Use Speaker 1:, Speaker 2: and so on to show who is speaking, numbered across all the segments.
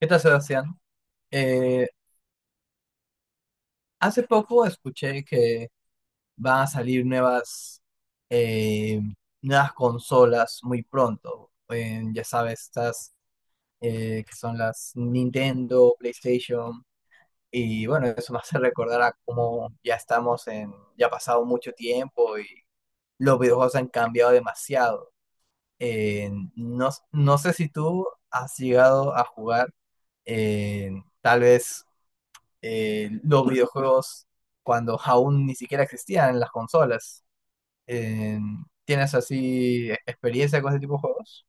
Speaker 1: ¿Qué tal, Sebastián? Eh, Hace poco escuché que van a salir nuevas, eh, nuevas consolas muy pronto. En, ya sabes, estas que son las Nintendo, PlayStation. Y bueno, eso me hace recordar a cómo ya estamos en, ya ha pasado mucho tiempo y los videojuegos han cambiado demasiado. Eh, no sé si tú has llegado a jugar eh, tal vez los videojuegos cuando aún ni siquiera existían las consolas. Eh, ¿Tienes así experiencia con ese tipo de juegos?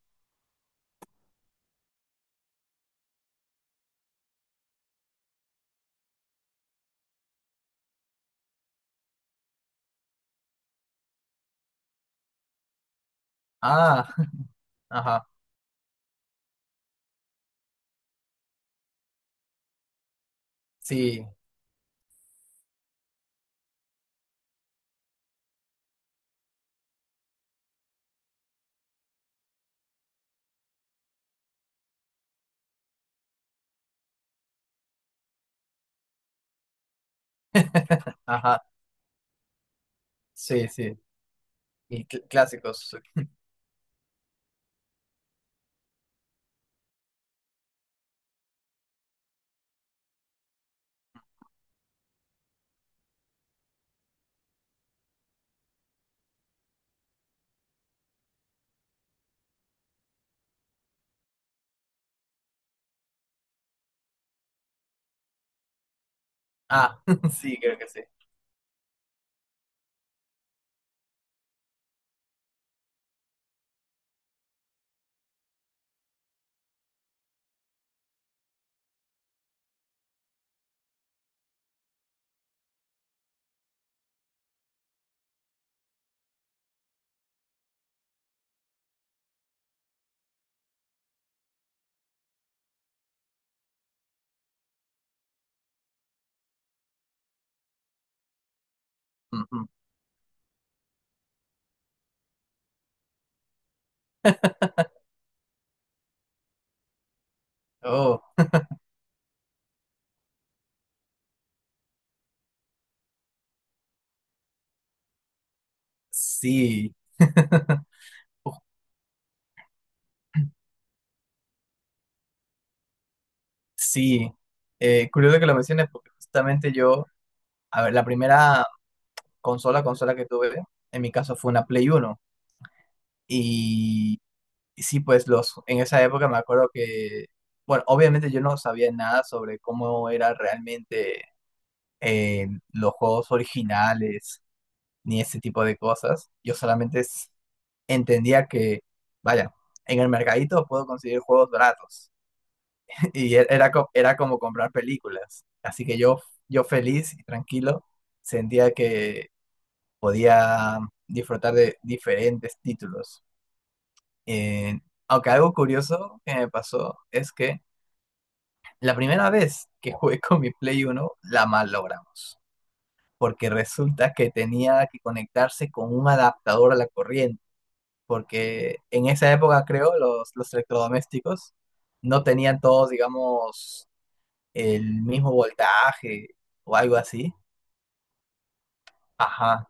Speaker 1: Ah, ajá, sí, ajá, sí, sí. Y clásicos. Ah, sí, creo que sí. Ujú. Oh, sí. Uf, sí. Curioso que lo menciones porque justamente yo, a ver, la primera consola que tuve, en mi caso fue una Play uno. y Y sí, pues en esa época me acuerdo que, bueno, obviamente yo no sabía nada sobre cómo era realmente eh, los juegos originales ni ese tipo de cosas. Yo solamente entendía que, vaya, en el mercadito puedo conseguir juegos baratos. Y era, era como comprar películas. Así que yo feliz y tranquilo sentía que podía disfrutar de diferentes títulos. Eh, aunque algo curioso que me pasó es que la primera vez que jugué con mi Play Uno la mal logramos, porque resulta que tenía que conectarse con un adaptador a la corriente, porque en esa época creo los electrodomésticos no tenían todos, digamos, el mismo voltaje o algo así. Ajá.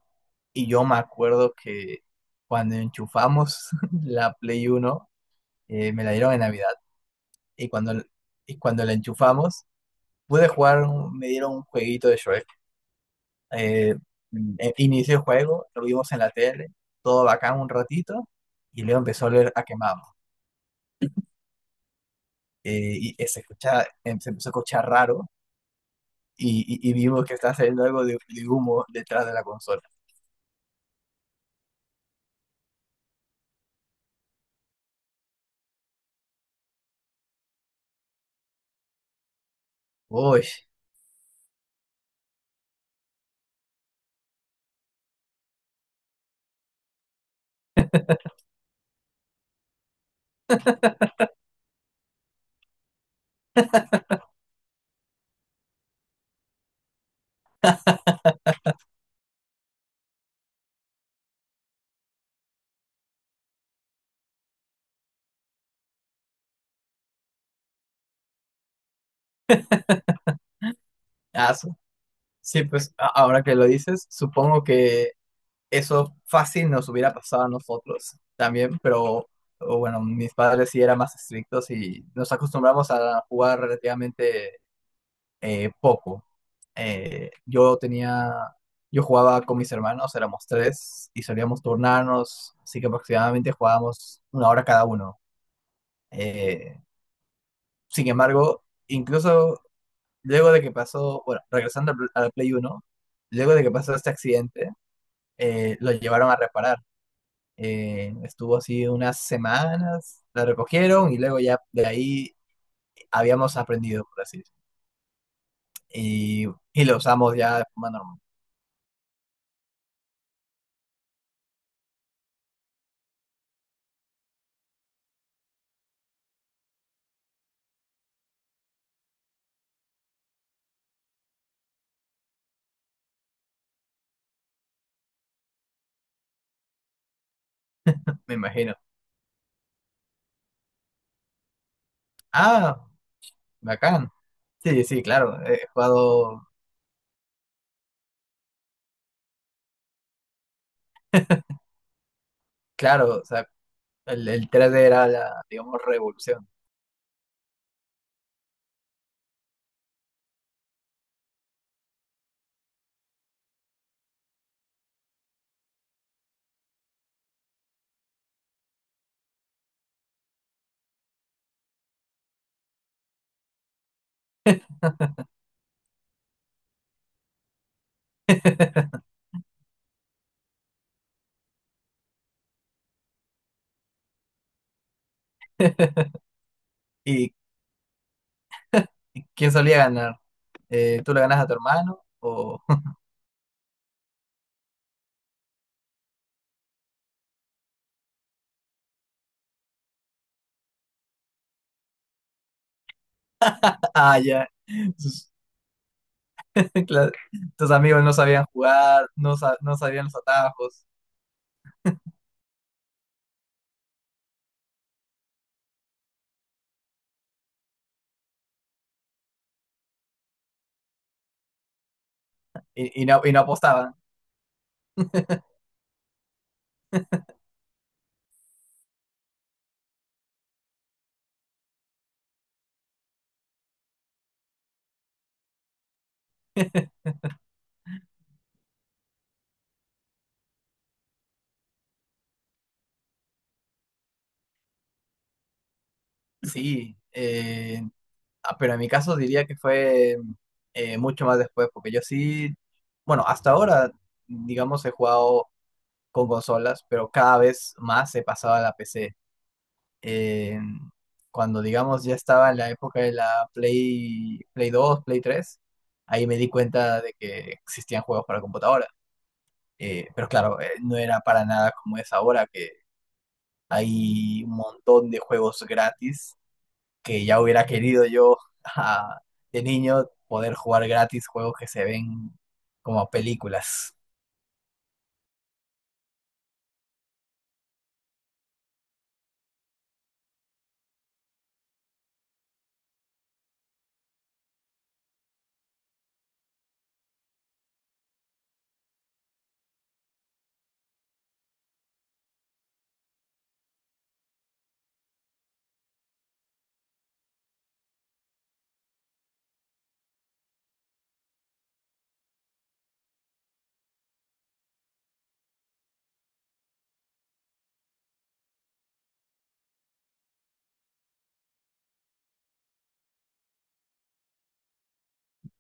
Speaker 1: Y yo me acuerdo que cuando enchufamos la Play Uno, me la dieron en Navidad. y cuando, y cuando la enchufamos, pude jugar, me dieron un jueguito de Shrek. Eh, inicié el juego, lo vimos en la tele, todo bacán un ratito, y luego empezó a oler a quemado. Se escucha, se empezó a escuchar raro, y, y vimos que estaba saliendo algo de humo detrás de la consola. Uy, aso. Sí, pues ahora que lo dices, supongo que eso fácil nos hubiera pasado a nosotros también, pero o bueno, mis padres sí eran más estrictos y nos acostumbramos a jugar relativamente poco. Eh, yo tenía, yo jugaba con mis hermanos, éramos tres y solíamos turnarnos, así que aproximadamente jugábamos una hora cada uno. Eh, sin embargo, incluso luego de que pasó, bueno, regresando al Play uno, luego de que pasó este accidente, lo llevaron a reparar. Estuvo así unas semanas, la recogieron y luego ya de ahí habíamos aprendido, por así decirlo. Y, y lo usamos ya de forma normal. Me imagino. Ah, bacán. Sí, sí, claro, he jugado, claro, o sea, el tres d era la, digamos, revolución. ¿Y quién solía ganar? ¿Tú le ganas a tu hermano? O... Ah, ya. Sus, cla- tus amigos no sabían jugar, no, no sabían los atajos y no apostaban. Sí, pero en mi caso diría que fue mucho más después, porque yo sí, bueno, hasta ahora, digamos, he jugado con consolas, pero cada vez más he pasado a la PC. Eh, cuando, digamos, ya estaba en la época de la Play 2, Play 3, ahí me di cuenta de que existían juegos para computadora. Pero claro, no era para nada como es ahora, que hay un montón de juegos gratis que ya hubiera querido yo ah, de niño poder jugar gratis juegos que se ven como películas.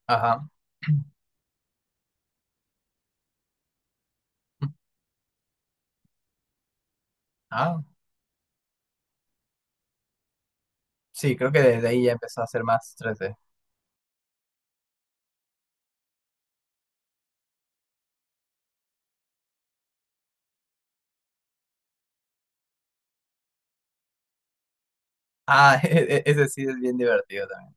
Speaker 1: Ajá. Ah, sí, creo que desde ahí ya empezó a ser más 3D. Ah, ese sí es bien divertido también.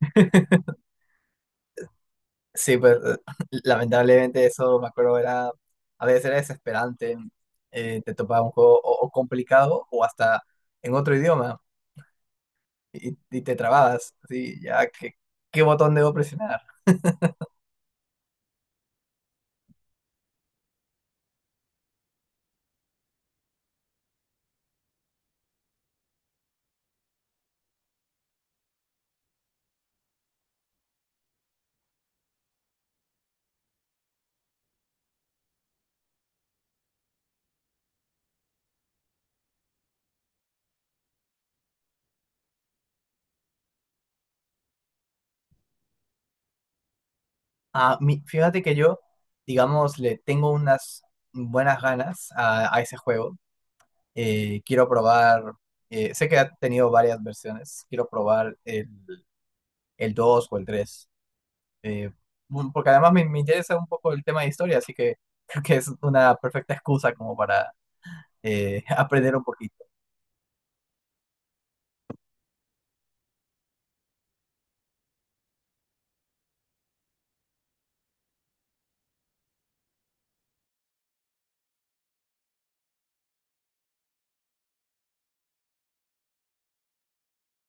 Speaker 1: Sí, pues lamentablemente eso me acuerdo era, a veces era desesperante, te topaba un juego o complicado o hasta en otro idioma y te trababas, sí, ya, ¿qué, qué botón debo presionar? Ah, fíjate que yo, digamos, le tengo unas buenas ganas a ese juego. Quiero probar, sé que ha tenido varias versiones, quiero probar el 2 o el tres, eh, porque además me, me interesa un poco el tema de historia, así que creo que es una perfecta excusa como para aprender un poquito.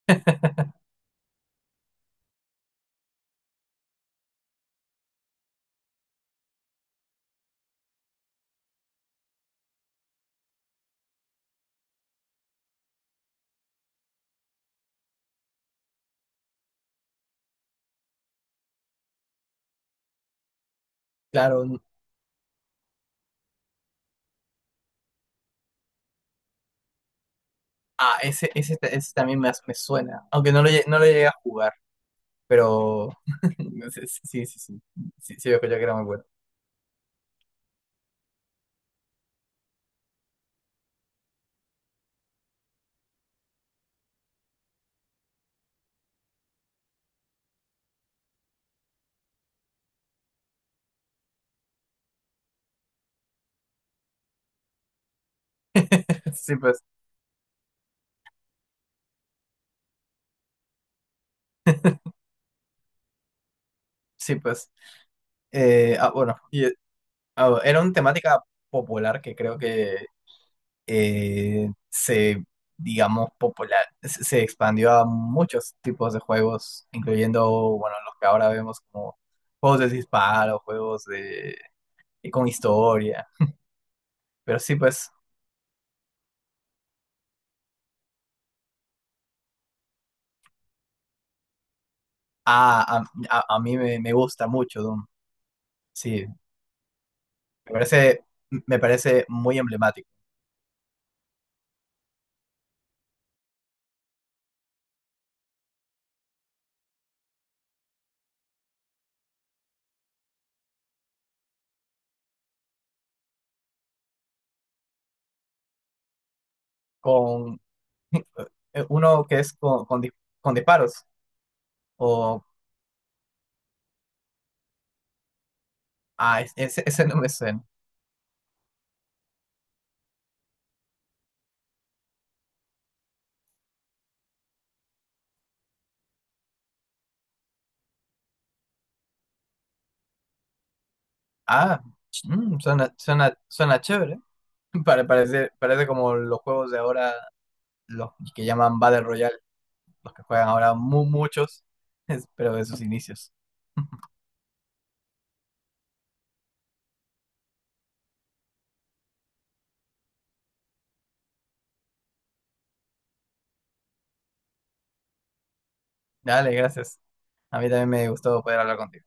Speaker 1: Claro, ah, ese, ese también me, me suena, aunque no lo, no lo llegué a jugar, pero sí, sí, sí, sí, sí, sí, veo que yo que era muy bueno. Sí, pues, sí, pues. Bueno, y, ah, bueno, era una temática popular que creo que se, digamos, popular, se expandió a muchos tipos de juegos, incluyendo, bueno, los que ahora vemos como juegos de disparo, juegos de, con historia. Pero sí, pues, a, a mí me, me gusta mucho Doom. Sí, me parece, me parece muy emblemático. Con uno que es con, con disparos o... Ah, ese, ese no me suena. Ah, suena, suena, suena chévere. Parece, parece como los juegos de ahora, los que llaman Battle Royale, los que juegan ahora muchos, pero de sus inicios. Dale, gracias. A mí también me gustó poder hablar contigo.